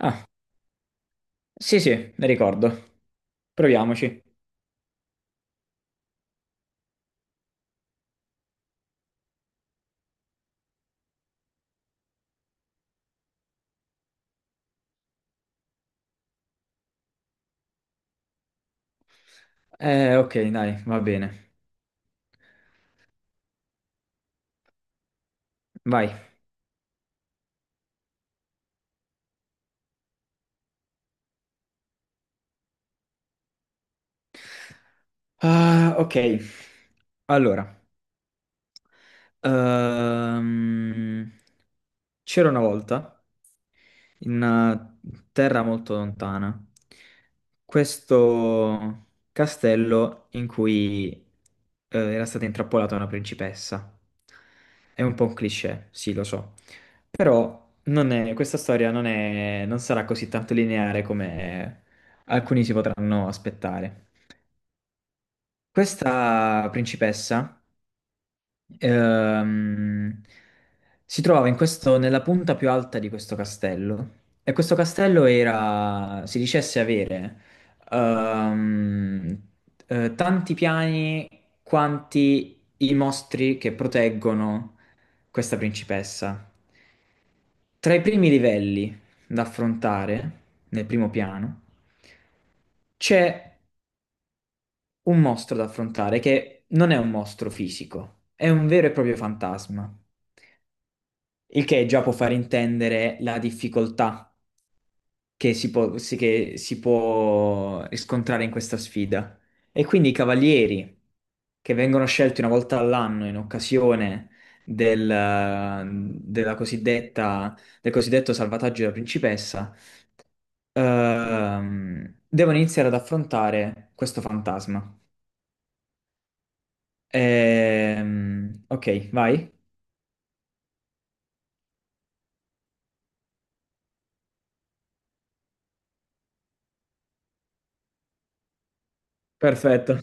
Ah, sì, sì, ne ricordo. Proviamoci. Ok, dai, va bene. Vai. Ah, ok. Allora, ehm, c'era una volta in una terra molto lontana questo castello in cui era stata intrappolata una principessa. È un po' un cliché, sì, lo so. Però non è- questa storia non sarà così tanto lineare come alcuni si potranno aspettare. Questa principessa ehm, si trovava in nella punta più alta di questo castello e questo castello era, si dicesse avere, ehm, tanti piani quanti i mostri che proteggono questa principessa. Tra i primi livelli da affrontare, nel primo piano, c'è un mostro da affrontare che non è un mostro fisico, è un vero e proprio fantasma, il che già può far intendere la difficoltà che che si può riscontrare in questa sfida. E quindi i cavalieri che vengono scelti una volta all'anno in occasione del, della cosiddetta, del cosiddetto salvataggio della principessa, devono iniziare ad affrontare questo fantasma. Ok, vai. Perfetto.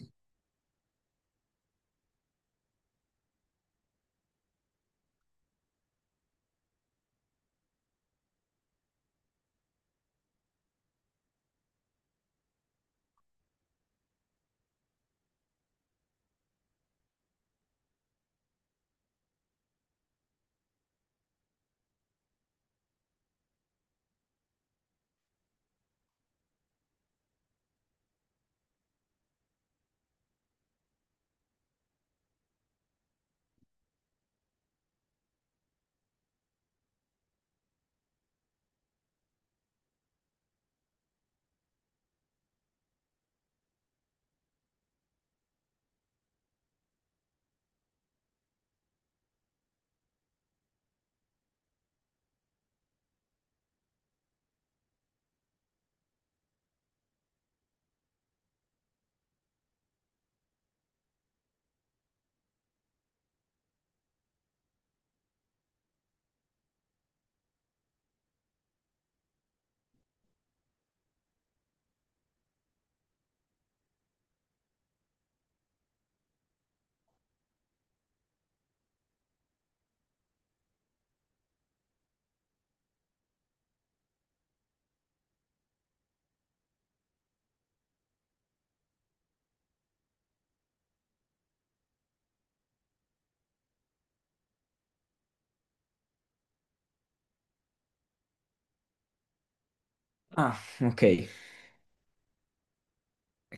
Ah, ok,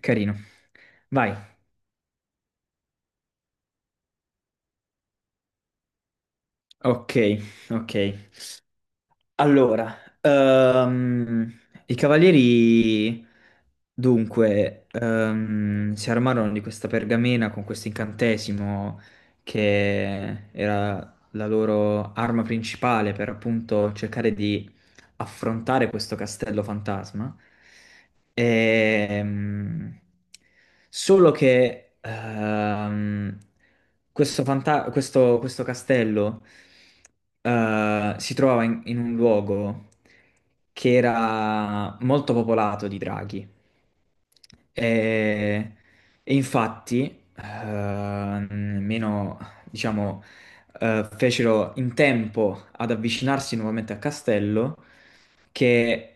carino. Vai. Ok, ok. Allora, ehm, i cavalieri dunque, si armarono di questa pergamena con questo incantesimo che era la loro arma principale per appunto cercare di affrontare questo castello fantasma. Ehm, solo che, questo, questo castello si trovava in, in un luogo che era molto popolato di draghi. E, e infatti, eh, nemmeno, diciamo, fecero in tempo ad avvicinarsi nuovamente al castello che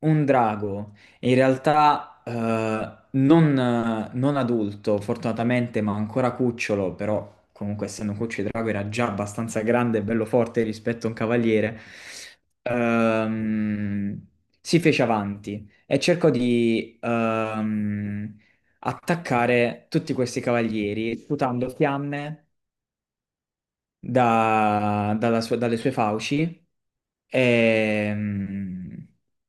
un drago, in realtà non adulto, fortunatamente, ma ancora cucciolo, però comunque essendo un cucciolo di drago era già abbastanza grande e bello forte rispetto a un cavaliere, ehm, si fece avanti e cercò di attaccare tutti questi cavalieri, sputando fiamme dalle sue fauci e, mm,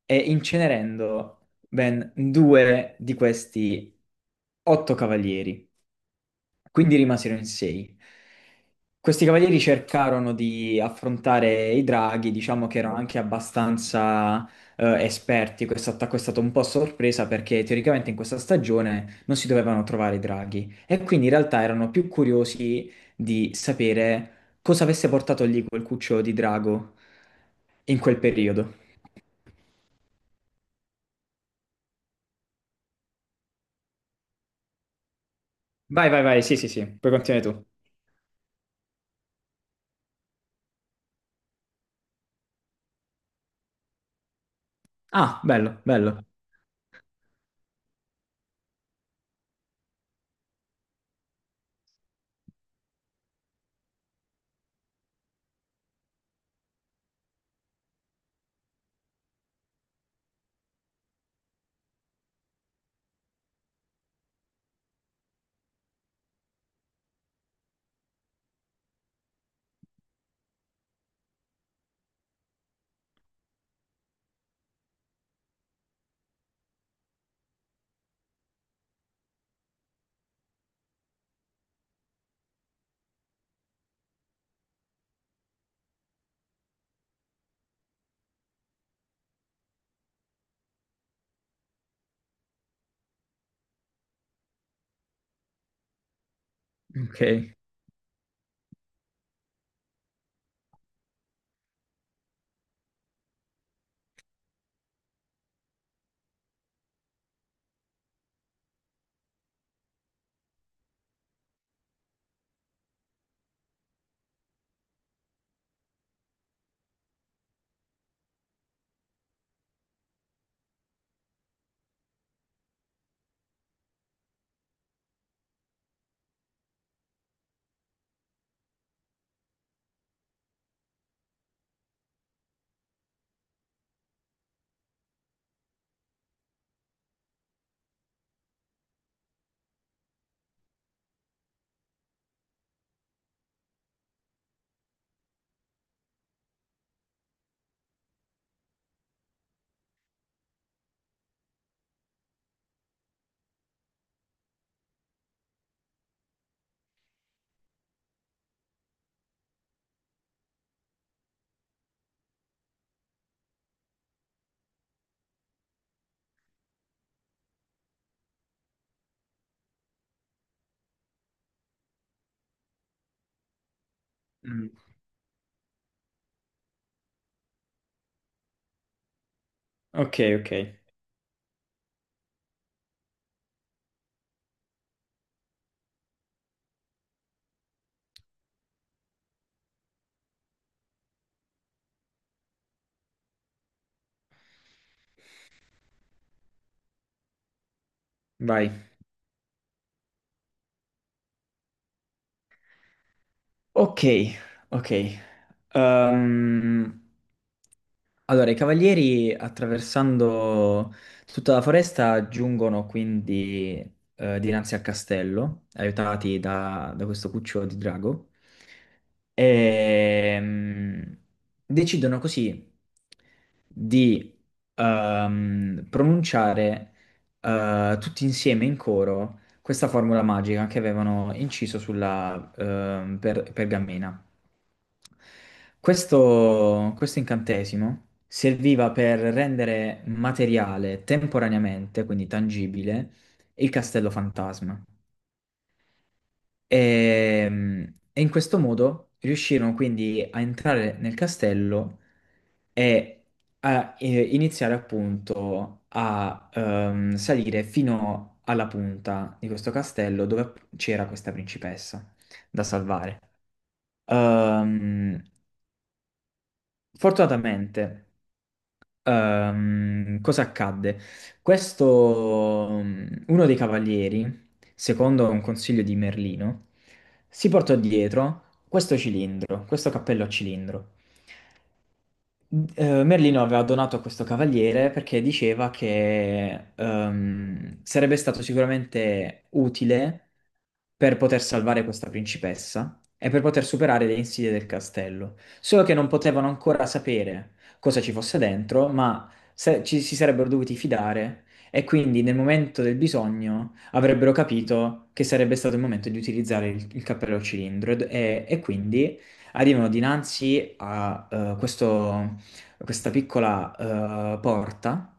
e incenerendo ben due di questi otto cavalieri. Quindi rimasero in sei. Questi cavalieri cercarono di affrontare i draghi, diciamo che erano anche abbastanza esperti. Questo attacco è stato un po' a sorpresa perché teoricamente in questa stagione non si dovevano trovare i draghi e quindi in realtà erano più curiosi di sapere cosa avesse portato lì quel cucciolo di drago in quel periodo. Vai, vai, vai, sì, sì, sì, puoi continuare tu. Ah, bello, bello. Ok. Mm. Ok, ok, vai. Ok, ok. Ehm, allora, i cavalieri attraversando tutta la foresta giungono quindi dinanzi al castello, aiutati da, da questo cucciolo di drago, e mm, decidono così di pronunciare tutti insieme in coro questa formula magica che avevano inciso sulla, pergamena. Questo incantesimo serviva per rendere materiale temporaneamente, quindi tangibile, il castello fantasma. E, e in questo modo riuscirono quindi a entrare nel castello e a iniziare appunto a salire fino alla punta di questo castello dove c'era questa principessa da salvare. Ehm, fortunatamente. Cosa accadde? Questo, mm, uno dei cavalieri, secondo un consiglio di Merlino, si portò dietro questo cilindro, questo cappello a cilindro. Merlino aveva donato a questo cavaliere perché diceva che, sarebbe stato sicuramente utile per poter salvare questa principessa e per poter superare le insidie del castello. Solo che non potevano ancora sapere cosa ci fosse dentro, ma ci si sarebbero dovuti fidare e quindi nel momento del bisogno avrebbero capito che sarebbe stato il momento di utilizzare il cappello cilindro e quindi arrivano dinanzi a questo, questa piccola porta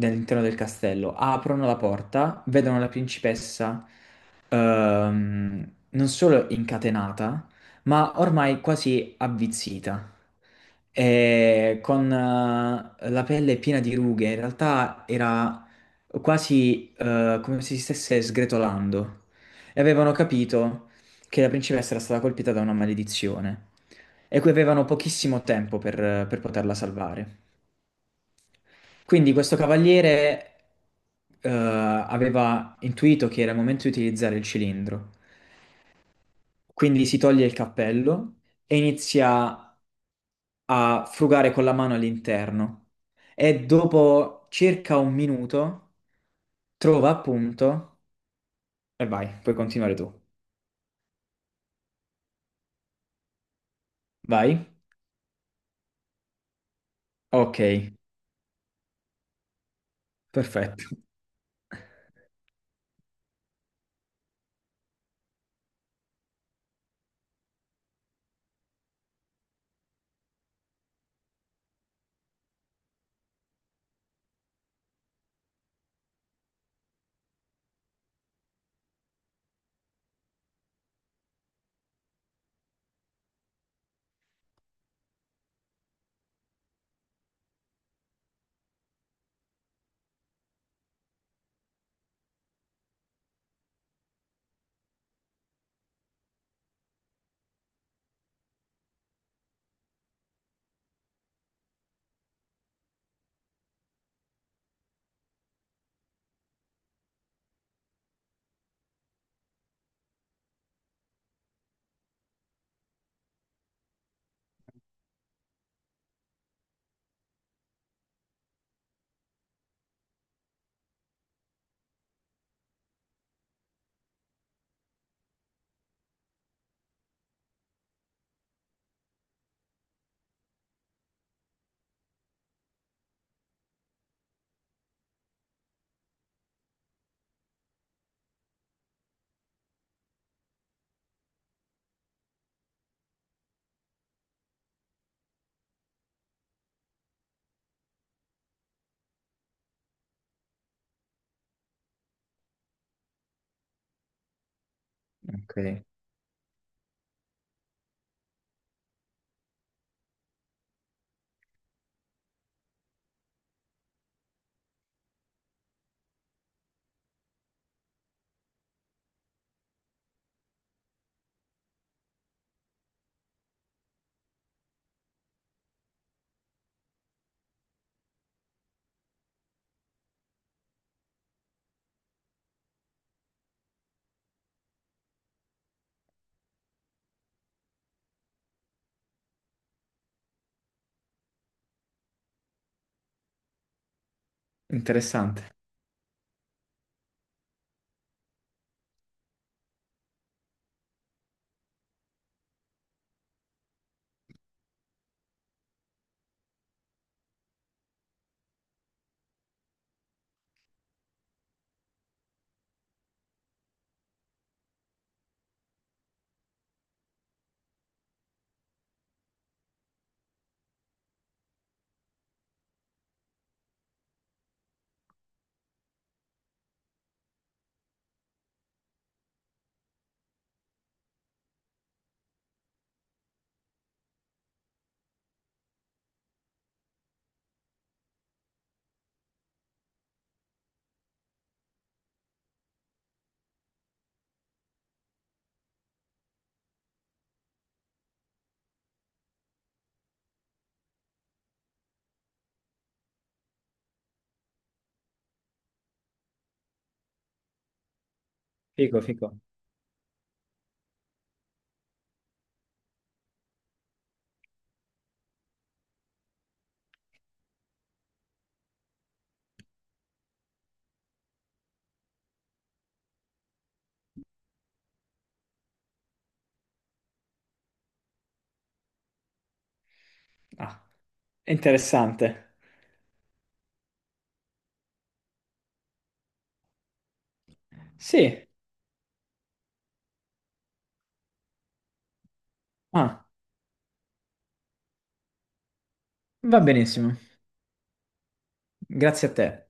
all'interno del castello. Aprono la porta, vedono la principessa, non solo incatenata, ma ormai quasi avvizzita. E con, la pelle piena di rughe, in realtà era quasi come se si stesse sgretolando. E avevano capito che la principessa era stata colpita da una maledizione e cui avevano pochissimo tempo per poterla salvare. Quindi questo cavaliere aveva intuito che era il momento di utilizzare il cilindro, quindi si toglie il cappello e inizia a frugare con la mano all'interno e dopo circa un minuto trova appunto e vai, puoi continuare tu. Vai? Ok, perfetto. Ok, interessante. Fico, fico. Ah, interessante. Sì, ah, va benissimo. Grazie a te.